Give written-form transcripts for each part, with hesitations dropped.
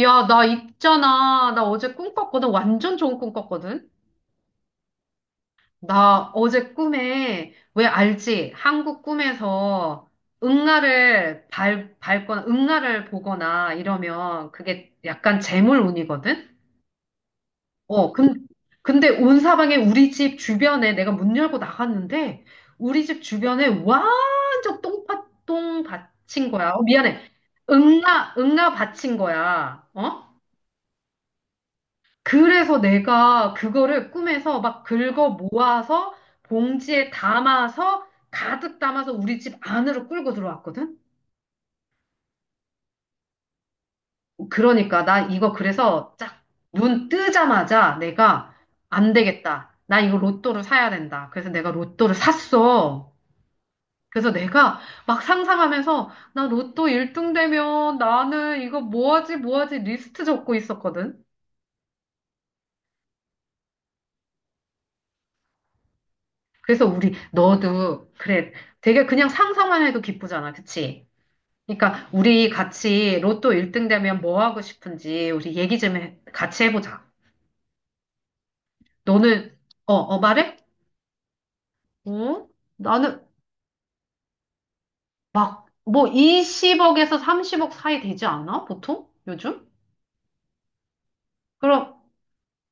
야, 나 있잖아. 나 어제 꿈 꿨거든. 완전 좋은 꿈 꿨거든. 나 어제 꿈에, 왜 알지? 한국 꿈에서 응아를 밟거나, 응아를 보거나 이러면 그게 약간 재물운이거든? 어, 근, 근데 온 사방에 우리 집 주변에 내가 문 열고 나갔는데, 우리 집 주변에 완전 똥밭똥 받친 거야. 어, 미안해. 응아, 응아 받친 거야. 어? 그래서 내가 그거를 꿈에서 막 긁어 모아서 봉지에 담아서 가득 담아서 우리 집 안으로 끌고 들어왔거든? 그러니까 나 이거 그래서 쫙 눈 뜨자마자 내가 안 되겠다. 나 이거 로또를 사야 된다. 그래서 내가 로또를 샀어. 그래서 내가 막 상상하면서 나 로또 1등 되면 나는 이거 뭐하지 뭐하지 리스트 적고 있었거든. 그래서 우리 너도 그래 되게 그냥 상상만 해도 기쁘잖아. 그치? 그러니까 우리 같이 로또 1등 되면 뭐 하고 싶은지 우리 얘기 좀 해, 같이 해보자. 너는 말해? 어? 나는 막 뭐 20억에서 30억 사이 되지 않아? 보통? 요즘? 그럼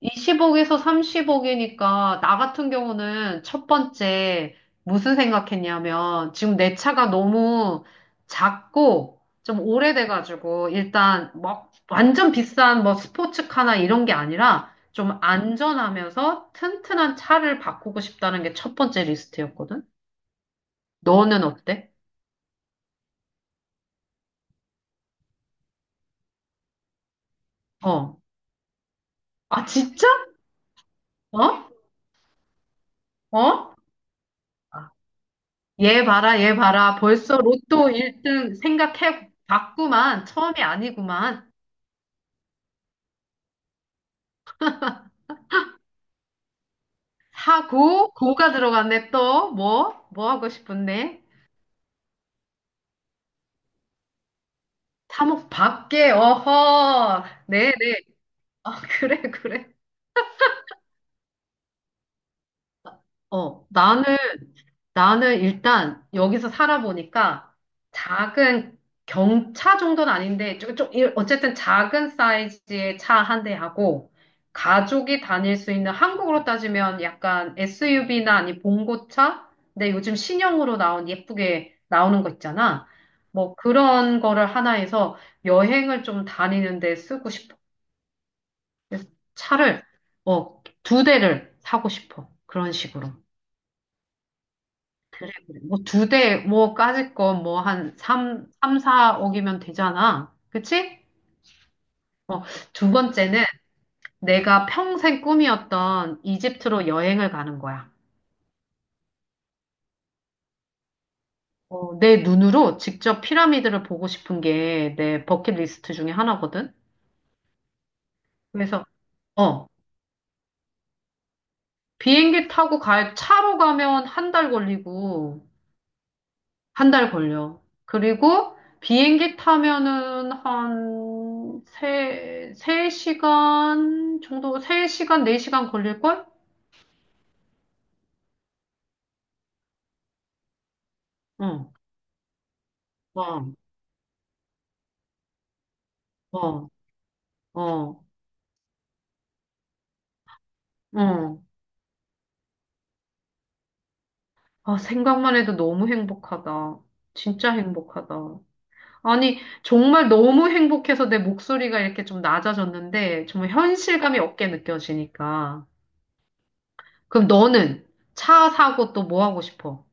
20억에서 30억이니까 나 같은 경우는 첫 번째 무슨 생각했냐면 지금 내 차가 너무 작고 좀 오래돼가지고 일단 막 완전 비싼 뭐 스포츠카나 이런 게 아니라 좀 안전하면서 튼튼한 차를 바꾸고 싶다는 게 첫 번째 리스트였거든. 너는 어때? 어. 아, 진짜? 어? 어? 아, 얘 봐라, 얘 봐라. 벌써 로또 1등 생각해 봤구만. 처음이 아니구만. 사고, 고가 들어갔네, 또. 뭐? 뭐 하고 싶은데? 사목 밖에, 어허. 네, 네. 아, 그래, 그래. 어, 나는 일단 여기서 살아보니까 작은 경차 정도는 아닌데, 어쨌든 작은 사이즈의 차 한 대하고, 가족이 다닐 수 있는 한국으로 따지면 약간 SUV나 아니 봉고차? 근데 요즘 신형으로 나온 예쁘게 나오는 거 있잖아. 뭐 그런 거를 하나 해서 여행을 좀 다니는데 쓰고 싶어. 그래서 차를, 두 대를 사고 싶어. 그런 식으로. 뭐 두 대, 뭐 까짓 거 뭐 한 삼삼사억이면 되잖아. 그치? 어, 두 번째는 내가 평생 꿈이었던 이집트로 여행을 가는 거야. 어, 내 눈으로 직접 피라미드를 보고 싶은 게 내 버킷리스트 중에 하나거든. 그래서, 어, 차로 가면 한 달 걸리고, 한 달 걸려. 그리고 비행기 타면은 한 3시간 정도, 3시간 4시간 걸릴걸? 응, 어, 어, 어, 어. 아, 생각만 해도 너무 행복하다. 진짜 행복하다. 아니, 정말 너무 행복해서 내 목소리가 이렇게 좀 낮아졌는데, 정말 현실감이 없게 느껴지니까. 그럼 너는 차 사고 또 뭐 하고 싶어?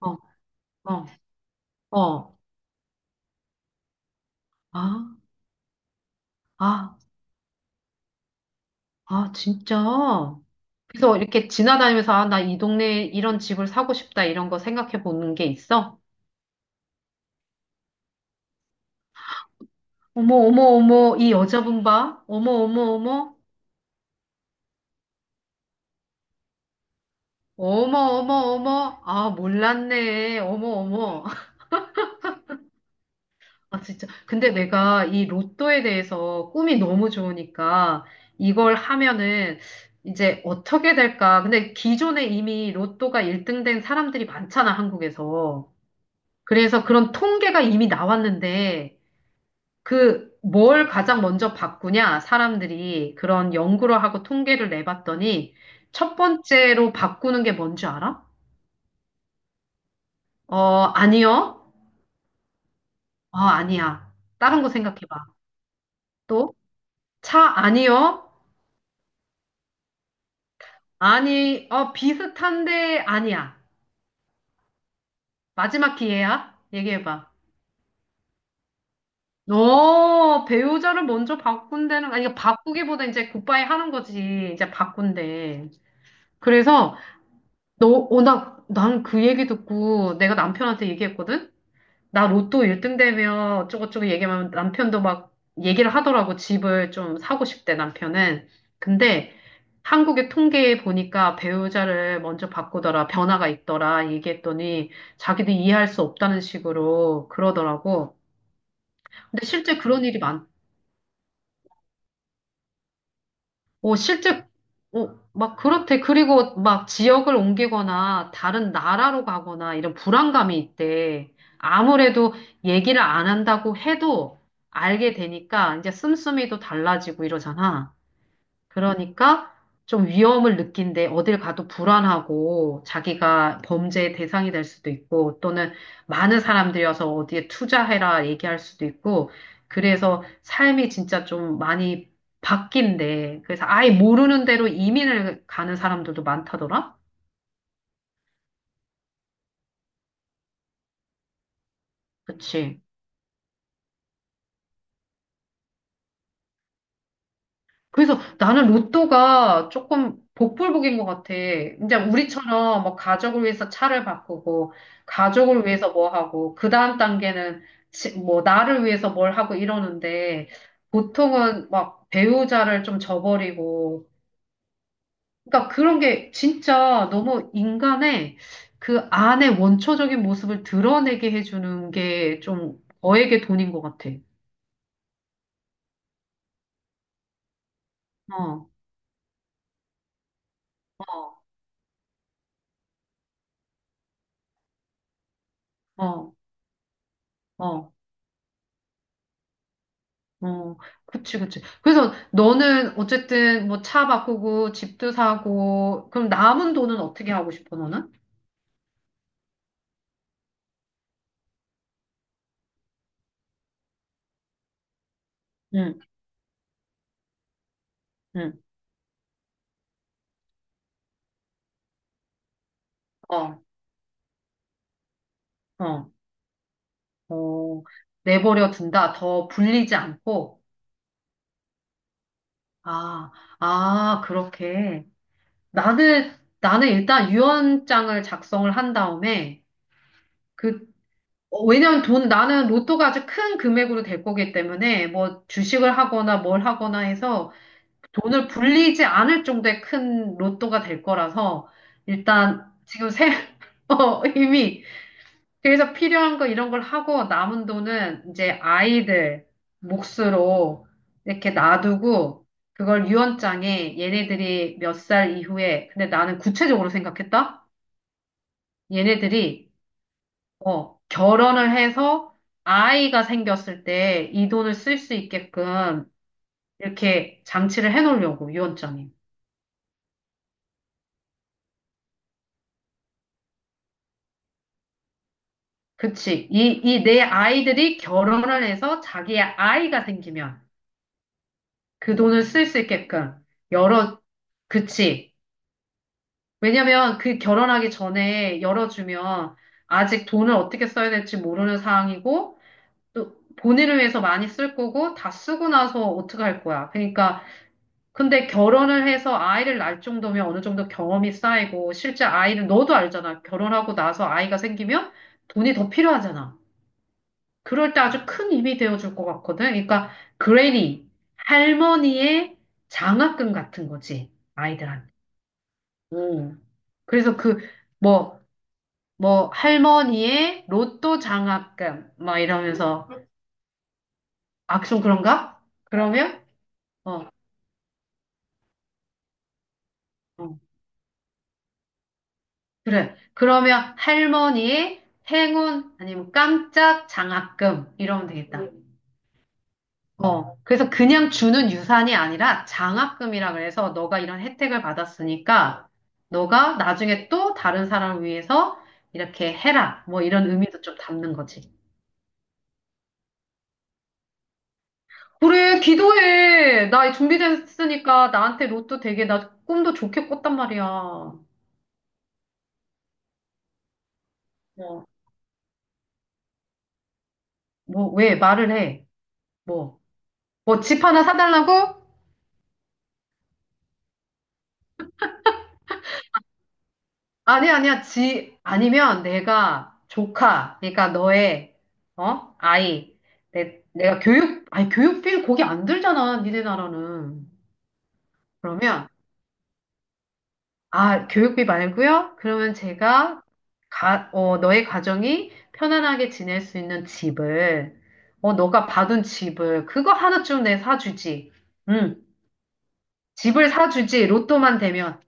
어, 어, 어. 아, 아. 아, 진짜? 그래서 이렇게 지나다니면서, 아, 나 이 동네에 이런 집을 사고 싶다, 이런 거 생각해 보는 게 있어? 어머, 어머, 어머, 이 여자분 봐? 어머, 어머, 어머, 어머, 어머, 어머, 아, 몰랐네. 어머, 어머. 아, 진짜. 근데 내가 이 로또에 대해서 꿈이 너무 좋으니까 이걸 하면은 이제 어떻게 될까? 근데 기존에 이미 로또가 1등 된 사람들이 많잖아, 한국에서. 그래서 그런 통계가 이미 나왔는데, 그 뭘 가장 먼저 바꾸냐? 사람들이 그런 연구를 하고 통계를 내봤더니 첫 번째로 바꾸는 게 뭔지 알아? 어, 아니요. 어, 아니야. 다른 거 생각해봐. 또, 차 아니요. 아니, 어, 비슷한데 아니야. 마지막 기회야. 얘기해봐. 어, 배우자를 먼저 바꾼다는, 아니, 이거 바꾸기보다 이제 굿바이 하는 거지. 이제 바꾼대. 그래서, 난 그 얘기 듣고 내가 남편한테 얘기했거든? 나 로또 1등 되면 어쩌고저쩌고 얘기하면 남편도 막 얘기를 하더라고. 집을 좀 사고 싶대, 남편은. 근데 한국의 통계에 보니까 배우자를 먼저 바꾸더라, 변화가 있더라 얘기했더니 자기도 이해할 수 없다는 식으로 그러더라고. 근데 실제 그런 일이 많 실제, 막 그렇대. 그리고 막 지역을 옮기거나 다른 나라로 가거나 이런 불안감이 있대. 아무래도 얘기를 안 한다고 해도 알게 되니까 이제 씀씀이도 달라지고 이러잖아. 그러니까 좀 위험을 느낀데 어딜 가도 불안하고 자기가 범죄의 대상이 될 수도 있고 또는 많은 사람들이 와서 어디에 투자해라 얘기할 수도 있고 그래서 삶이 진짜 좀 많이 바뀐대. 그래서 아예 모르는 대로 이민을 가는 사람들도 많다더라? 그치? 그래서 나는 로또가 조금 복불복인 것 같아. 이제 우리처럼 뭐 가족을 위해서 차를 바꾸고, 가족을 위해서 뭐 하고, 그 다음 단계는 뭐 나를 위해서 뭘 하고 이러는데, 보통은 막 배우자를 좀 저버리고, 그러니까 그런 게 진짜 너무 인간의 그 안의 원초적인 모습을 드러내게 해주는 게 좀 너에게 돈인 것 같아. 어, 어, 어, 어. 어, 그치, 그치. 그래서 너는 어쨌든 뭐 차 바꾸고 집도 사고, 그럼 남은 돈은 어떻게 하고 싶어, 너는? 응, 응, 어, 어, 어, 내버려 둔다. 더 불리지 않고. 아, 아, 그렇게. 나는, 나는 일단 유언장을 작성을 한 다음에, 그, 왜냐면 나는 로또가 아주 큰 금액으로 될 거기 때문에, 뭐 주식을 하거나 뭘 하거나 해서, 돈을 불리지 않을 정도의 큰 로또가 될 거라서 일단 지금 이미 그래서 필요한 거 이런 걸 하고 남은 돈은 이제 아이들 몫으로 이렇게 놔두고 그걸 유언장에 얘네들이 몇 살 이후에 근데 나는 구체적으로 생각했다? 얘네들이 결혼을 해서 아이가 생겼을 때 이 돈을 쓸 수 있게끔 이렇게 장치를 해놓으려고 유언장에. 그치. 이 내 아이들이 결혼을 해서 자기의 아이가 생기면 그 돈을 쓸 수 있게끔 열어, 그치. 왜냐면 그 결혼하기 전에 열어주면 아직 돈을 어떻게 써야 될지 모르는 상황이고 또 본인을 위해서 많이 쓸 거고 다 쓰고 나서 어떻게 할 거야. 그러니까 근데 결혼을 해서 아이를 낳을 정도면 어느 정도 경험이 쌓이고 실제 아이를 너도 알잖아. 결혼하고 나서 아이가 생기면 돈이 더 필요하잖아. 그럴 때 아주 큰 힘이 되어줄 것 같거든. 그러니까 그레니, 할머니의 장학금 같은 거지, 아이들한테. 음. 그래서 뭐, 할머니의 로또 장학금, 막 이러면서, 아, 좀 그런가? 그러면, 어, 어, 그래. 그러면 할머니의 행운, 아니면 깜짝 장학금, 이러면 되겠다. 어, 그래서 그냥 주는 유산이 아니라 장학금이라 그래서 너가 이런 혜택을 받았으니까 너가 나중에 또 다른 사람을 위해서 이렇게 해라. 뭐 이런 의미도 좀 담는 거지. 그래, 기도해. 나 준비됐으니까 나한테 로또 되게 나 꿈도 좋게 꿨단 말이야. 뭐, 뭐, 왜 말을 해? 뭐, 뭐 집 하나 사달라고? 아니, 아니야. 아니면 내가 조카, 그러니까 너의, 어? 아이. 내가 아니, 교육비 거기 안 들잖아. 니네 나라는. 그러면, 아, 교육비 말고요? 그러면 제가, 너의 가정이 편안하게 지낼 수 있는 집을, 너가 받은 집을, 그거 하나쯤 내 사주지. 응. 집을 사주지. 로또만 되면.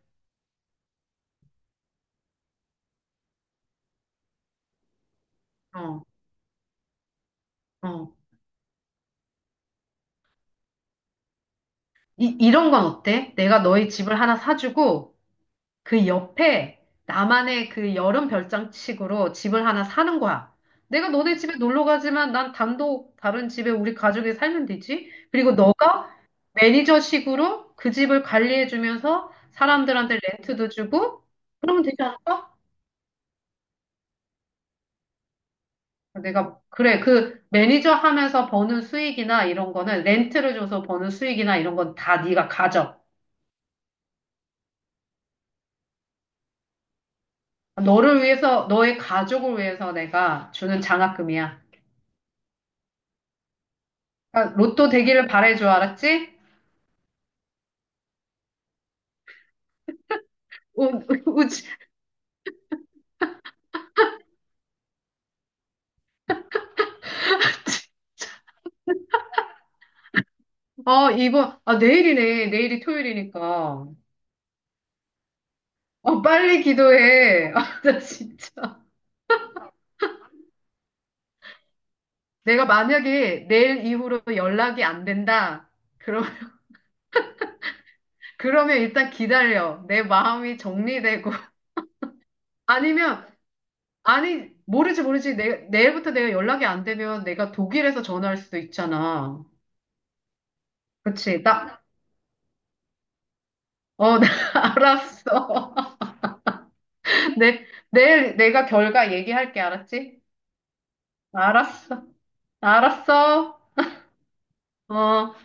어, 어. 이런 건 어때? 내가 너의 집을 하나 사주고, 그 옆에 나만의 그 여름 별장식으로 집을 하나 사는 거야. 내가 너네 집에 놀러 가지만 난 단독 다른 집에 우리 가족이 살면 되지. 그리고 너가 매니저식으로 그 집을 관리해주면서 사람들한테 렌트도 주고 그러면 되지 않을까? 내가 그래 그 매니저 하면서 버는 수익이나 이런 거는 렌트를 줘서 버는 수익이나 이런 건 다 네가 가져. 너를 위해서 너의 가족을 위해서 내가 주는 장학금이야. 아, 로또 되기를 바래줘, 알았지? 우, 우, 우, 아, 내일이네. 내일이 토요일이니까. 어, 빨리 기도해. 아, 나 진짜. 내가 만약에 내일 이후로 연락이 안 된다. 그럼, 그러면 일단 기다려. 내 마음이 정리되고. 아니면, 아니, 모르지, 모르지. 내일부터 내가 연락이 안 되면 내가 독일에서 전화할 수도 있잖아. 그치. 나 알았어. 내, 내일 내가 결과 얘기할게, 알았지? 알았어. 알았어. 어.